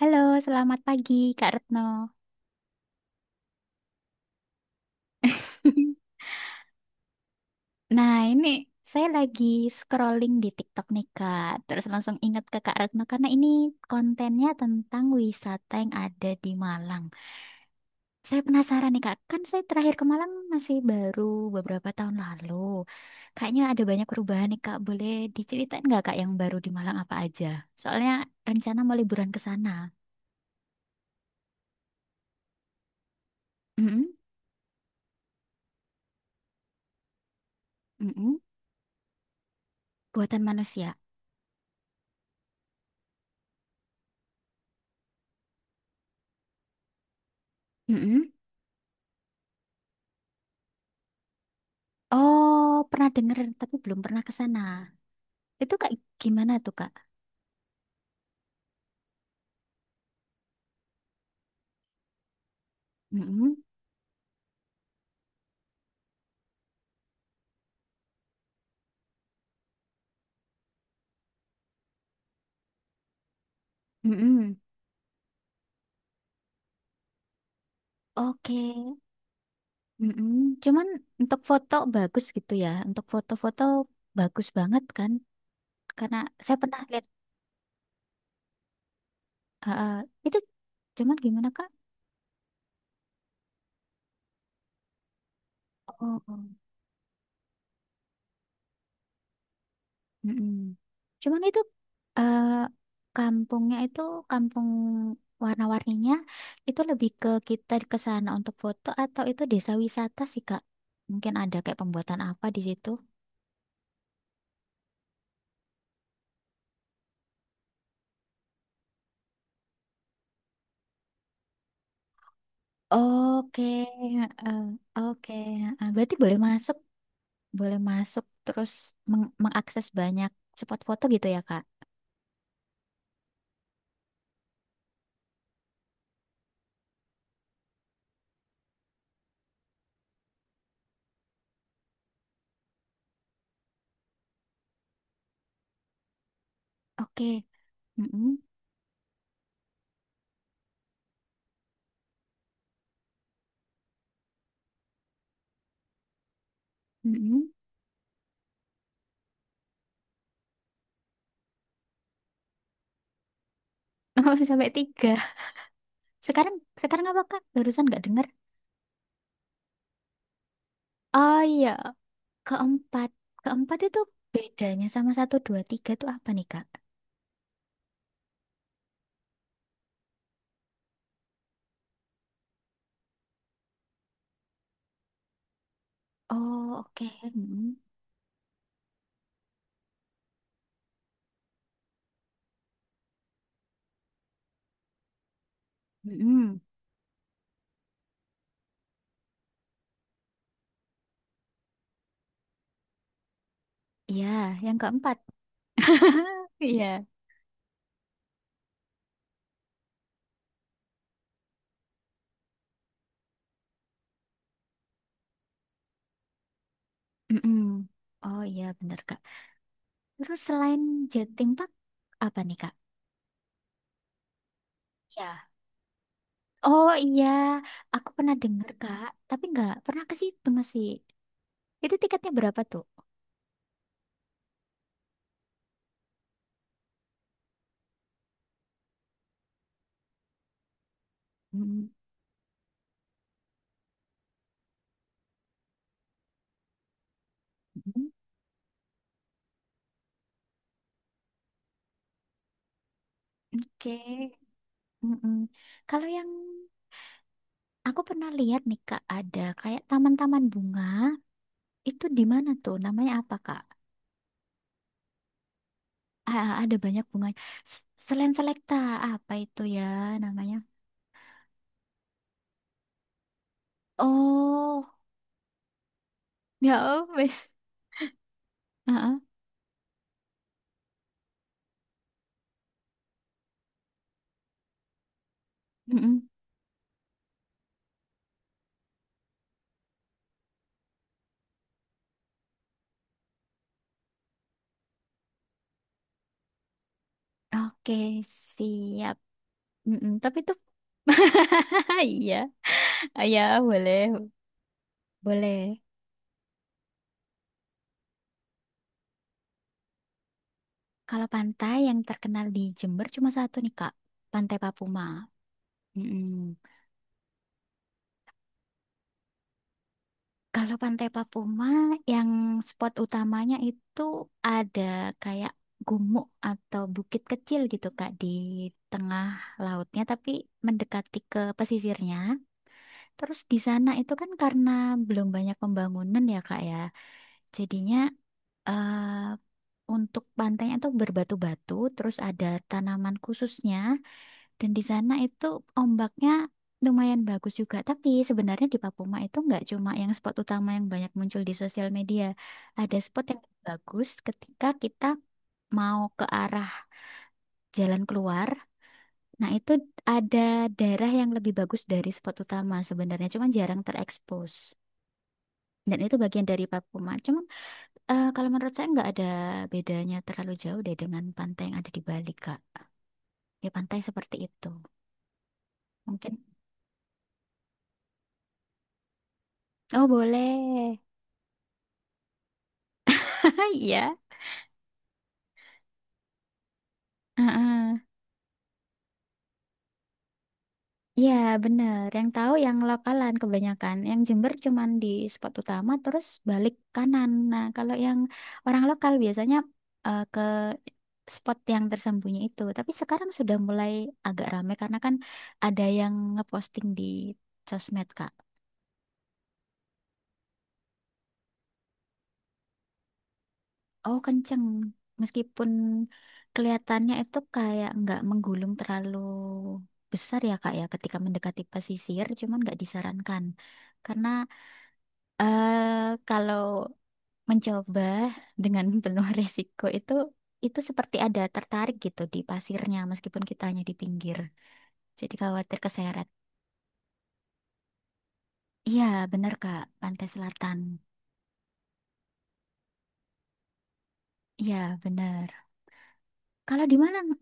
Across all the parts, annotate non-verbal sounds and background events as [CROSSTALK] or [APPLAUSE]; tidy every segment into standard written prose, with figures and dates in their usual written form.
Halo, selamat pagi Kak Retno. [LAUGHS] Nah, ini saya lagi scrolling di TikTok nih Kak, terus langsung ingat ke Kak Retno karena ini kontennya tentang wisata yang ada di Malang. Saya penasaran nih Kak, kan saya terakhir ke Malang masih baru beberapa tahun lalu. Kayaknya ada banyak perubahan nih Kak, boleh diceritain nggak Kak yang baru di Malang apa aja? Soalnya rencana mau liburan ke sana. Mm-mm, mm-mm, buatan manusia. Oh, pernah denger tapi belum pernah ke sana. Itu Kak, gimana tuh Kak? Mm-mm, mm-mm. Oke, mm-mm. Cuman untuk foto bagus gitu ya. Untuk foto-foto bagus banget kan? Karena saya pernah lihat. Ah, ah. Itu cuman gimana Kak? Oh. Mm-mm. Cuman itu eh, kampungnya itu kampung warna-warninya itu lebih ke kita ke sana untuk foto atau itu desa wisata sih Kak? Mungkin ada kayak pembuatan apa di situ? Oke, heeh. Oke. Heeh. Berarti boleh masuk terus mengakses banyak spot foto gitu ya Kak? Oke. Mm-mm. Mm-mm. [LAUGHS] Oh, sampai tiga. Sekarang, sekarang apa Kak? Barusan nggak dengar? Oh iya. Keempat. Keempat itu bedanya sama satu, dua, tiga itu apa nih, Kak? Oh, oke. Mm-mm. Mm-mm. Iya, yang keempat. [LAUGHS] Iya. Mm-mm. Oh iya, bener, Kak. Terus selain Jatim Park, apa nih, Kak? Ya. Oh iya, aku pernah dengar, Kak. Tapi nggak pernah ke situ masih. Itu tiketnya berapa tuh? Mm-mm. Mm-mm. Oke. Mm-mm. Kalau yang aku pernah lihat nih, Kak, ada kayak taman-taman bunga. Itu di mana tuh? Namanya apa, Kak? Ah, ada banyak bunga. Selain selekta, apa itu ya namanya? Oh, ya wes. Heeh. Mm-mm. Oke, siap. Mm-mm. Tapi itu [LAUGHS] iya. Ah, ya, boleh. Boleh. Kalau pantai yang terkenal di Jember cuma satu nih, Kak. Pantai Papuma. Mm-mm. Kalau Pantai Papuma yang spot utamanya itu ada kayak gumuk atau bukit kecil gitu Kak di tengah lautnya tapi mendekati ke pesisirnya. Terus di sana itu kan karena belum banyak pembangunan ya Kak ya. Jadinya eh, untuk pantainya tuh berbatu-batu terus ada tanaman khususnya dan di sana itu ombaknya lumayan bagus juga. Tapi sebenarnya di Papuma itu nggak cuma yang spot utama yang banyak muncul di sosial media. Ada spot yang bagus ketika kita mau ke arah jalan keluar. Nah, itu ada daerah yang lebih bagus dari spot utama sebenarnya, cuma jarang terekspos. Dan itu bagian dari Papuma. Cuma kalau menurut saya nggak ada bedanya terlalu jauh deh dengan pantai yang ada di Bali, Kak. Ya pantai seperti itu. Mungkin. Oh, boleh. [LAUGHS] Iya. Ah, ah. Iya, bener. Yang tahu yang lokalan kebanyakan. Yang Jember cuman di spot utama terus balik kanan. Nah, kalau yang orang lokal biasanya ke spot yang tersembunyi itu. Tapi sekarang sudah mulai agak rame karena kan ada yang ngeposting di sosmed, Kak. Oh, kenceng. Meskipun kelihatannya itu kayak nggak menggulung terlalu besar ya, Kak ya, ketika mendekati pesisir, cuman nggak disarankan. Karena kalau mencoba dengan [LAUGHS] penuh resiko itu seperti ada tertarik gitu di pasirnya meskipun kitanya di pinggir. Jadi khawatir keseret. Iya, benar Kak, pantai selatan. Iya, benar. Kalau di Malang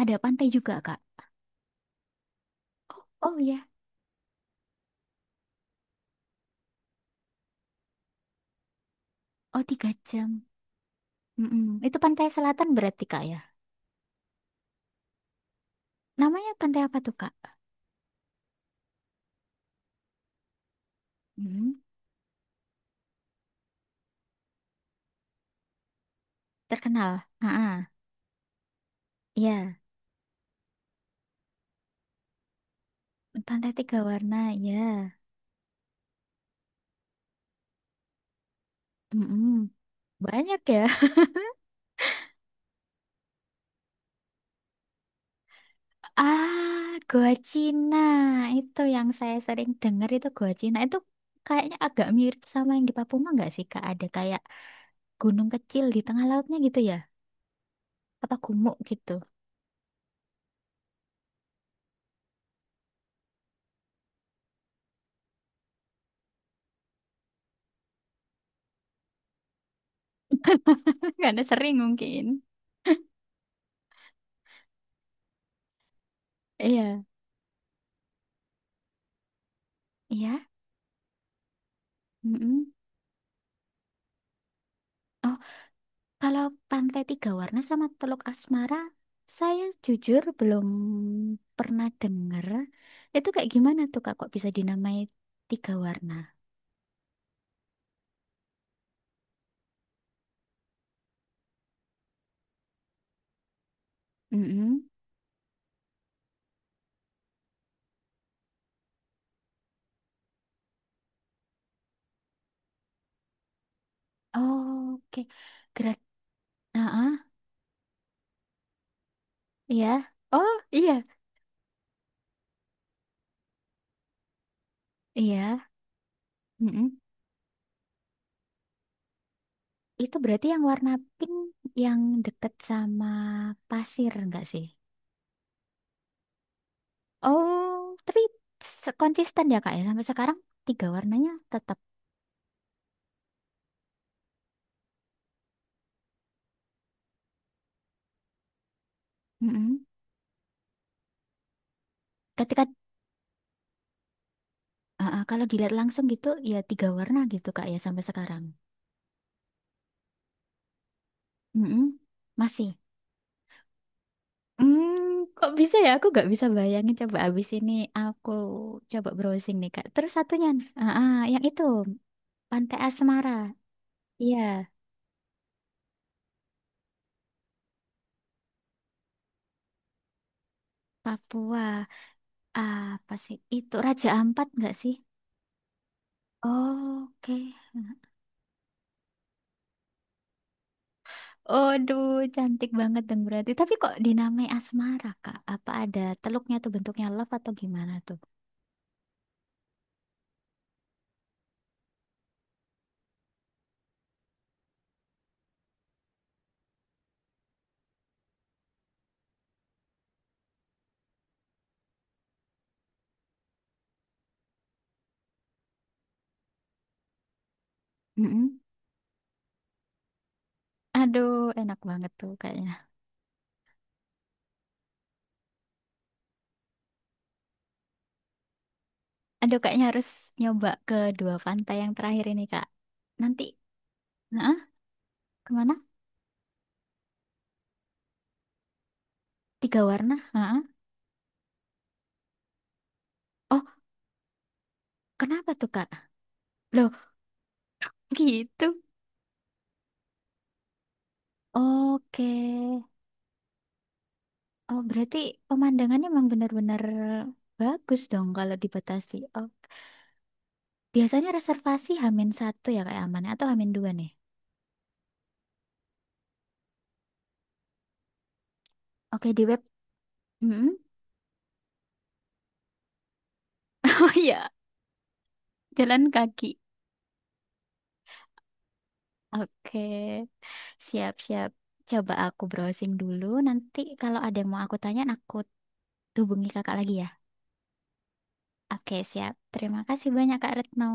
ada pantai juga Kak. Oh, oh ya, oh, tiga jam. Mm-mm. Itu pantai selatan berarti Kak ya. Namanya pantai apa tuh Kak? Mm, terkenal. Ah, ah. Iya, pantai tiga warna. Ya, mm-mm. Banyak ya. Ah, gua Cina. Itu yang saya sering dengar itu gua Cina. Itu kayaknya agak mirip sama yang di Papua nggak sih, Kak? Ada kayak gunung kecil di tengah lautnya gitu ya? Apa gumuk gitu? [LAUGHS] Karena sering mungkin. Iya. Iya. Mm-mm. Oh, kalau Pantai Tiga Warna sama Teluk Asmara, saya jujur belum pernah dengar. Itu kayak gimana tuh, Kak? Kok bisa dinamai Tiga Warna? Mm-mm. Oh, oke. Gerak. Iya. Oh, iya. Iya. Mm-mm. Itu berarti yang warna pink yang deket sama pasir enggak sih? Oh, tapi konsisten ya Kak ya sampai sekarang tiga warnanya tetap. Mm-mm. Ketika Ah, ah, kalau dilihat langsung gitu ya tiga warna gitu Kak ya sampai sekarang. Mm-mm. Masih. Hmm, kok bisa ya? Aku nggak bisa bayangin. Coba abis ini aku coba browsing nih Kak. Terus satunya, ah, ah, yang itu Pantai Asmara. Iya, Papua. Apa sih itu? Raja Ampat nggak sih? Oke. Aduh, cantik banget dong berarti. Tapi kok dinamai Asmara, Kak? Apa ada teluknya tuh bentuknya love atau gimana tuh? Mm-mm. Aduh, enak banget tuh kayaknya. Aduh, kayaknya harus nyoba ke dua pantai yang terakhir ini, Kak. Nanti, nah, kemana? Tiga warna, heeh. Oh, kenapa tuh, Kak? Loh, gitu. Oke. Oh, berarti pemandangannya emang benar-benar bagus dong kalau dibatasi. Oh, biasanya reservasi Hamin satu ya kayak amannya atau Hamin dua nih. Oke di web. Mm-mm. [LAUGHS] Oh iya, jalan kaki. Oke, siap-siap. Coba aku browsing dulu. Nanti kalau ada yang mau aku tanya, aku hubungi kakak lagi ya. Oke, siap. Terima kasih banyak Kak Retno.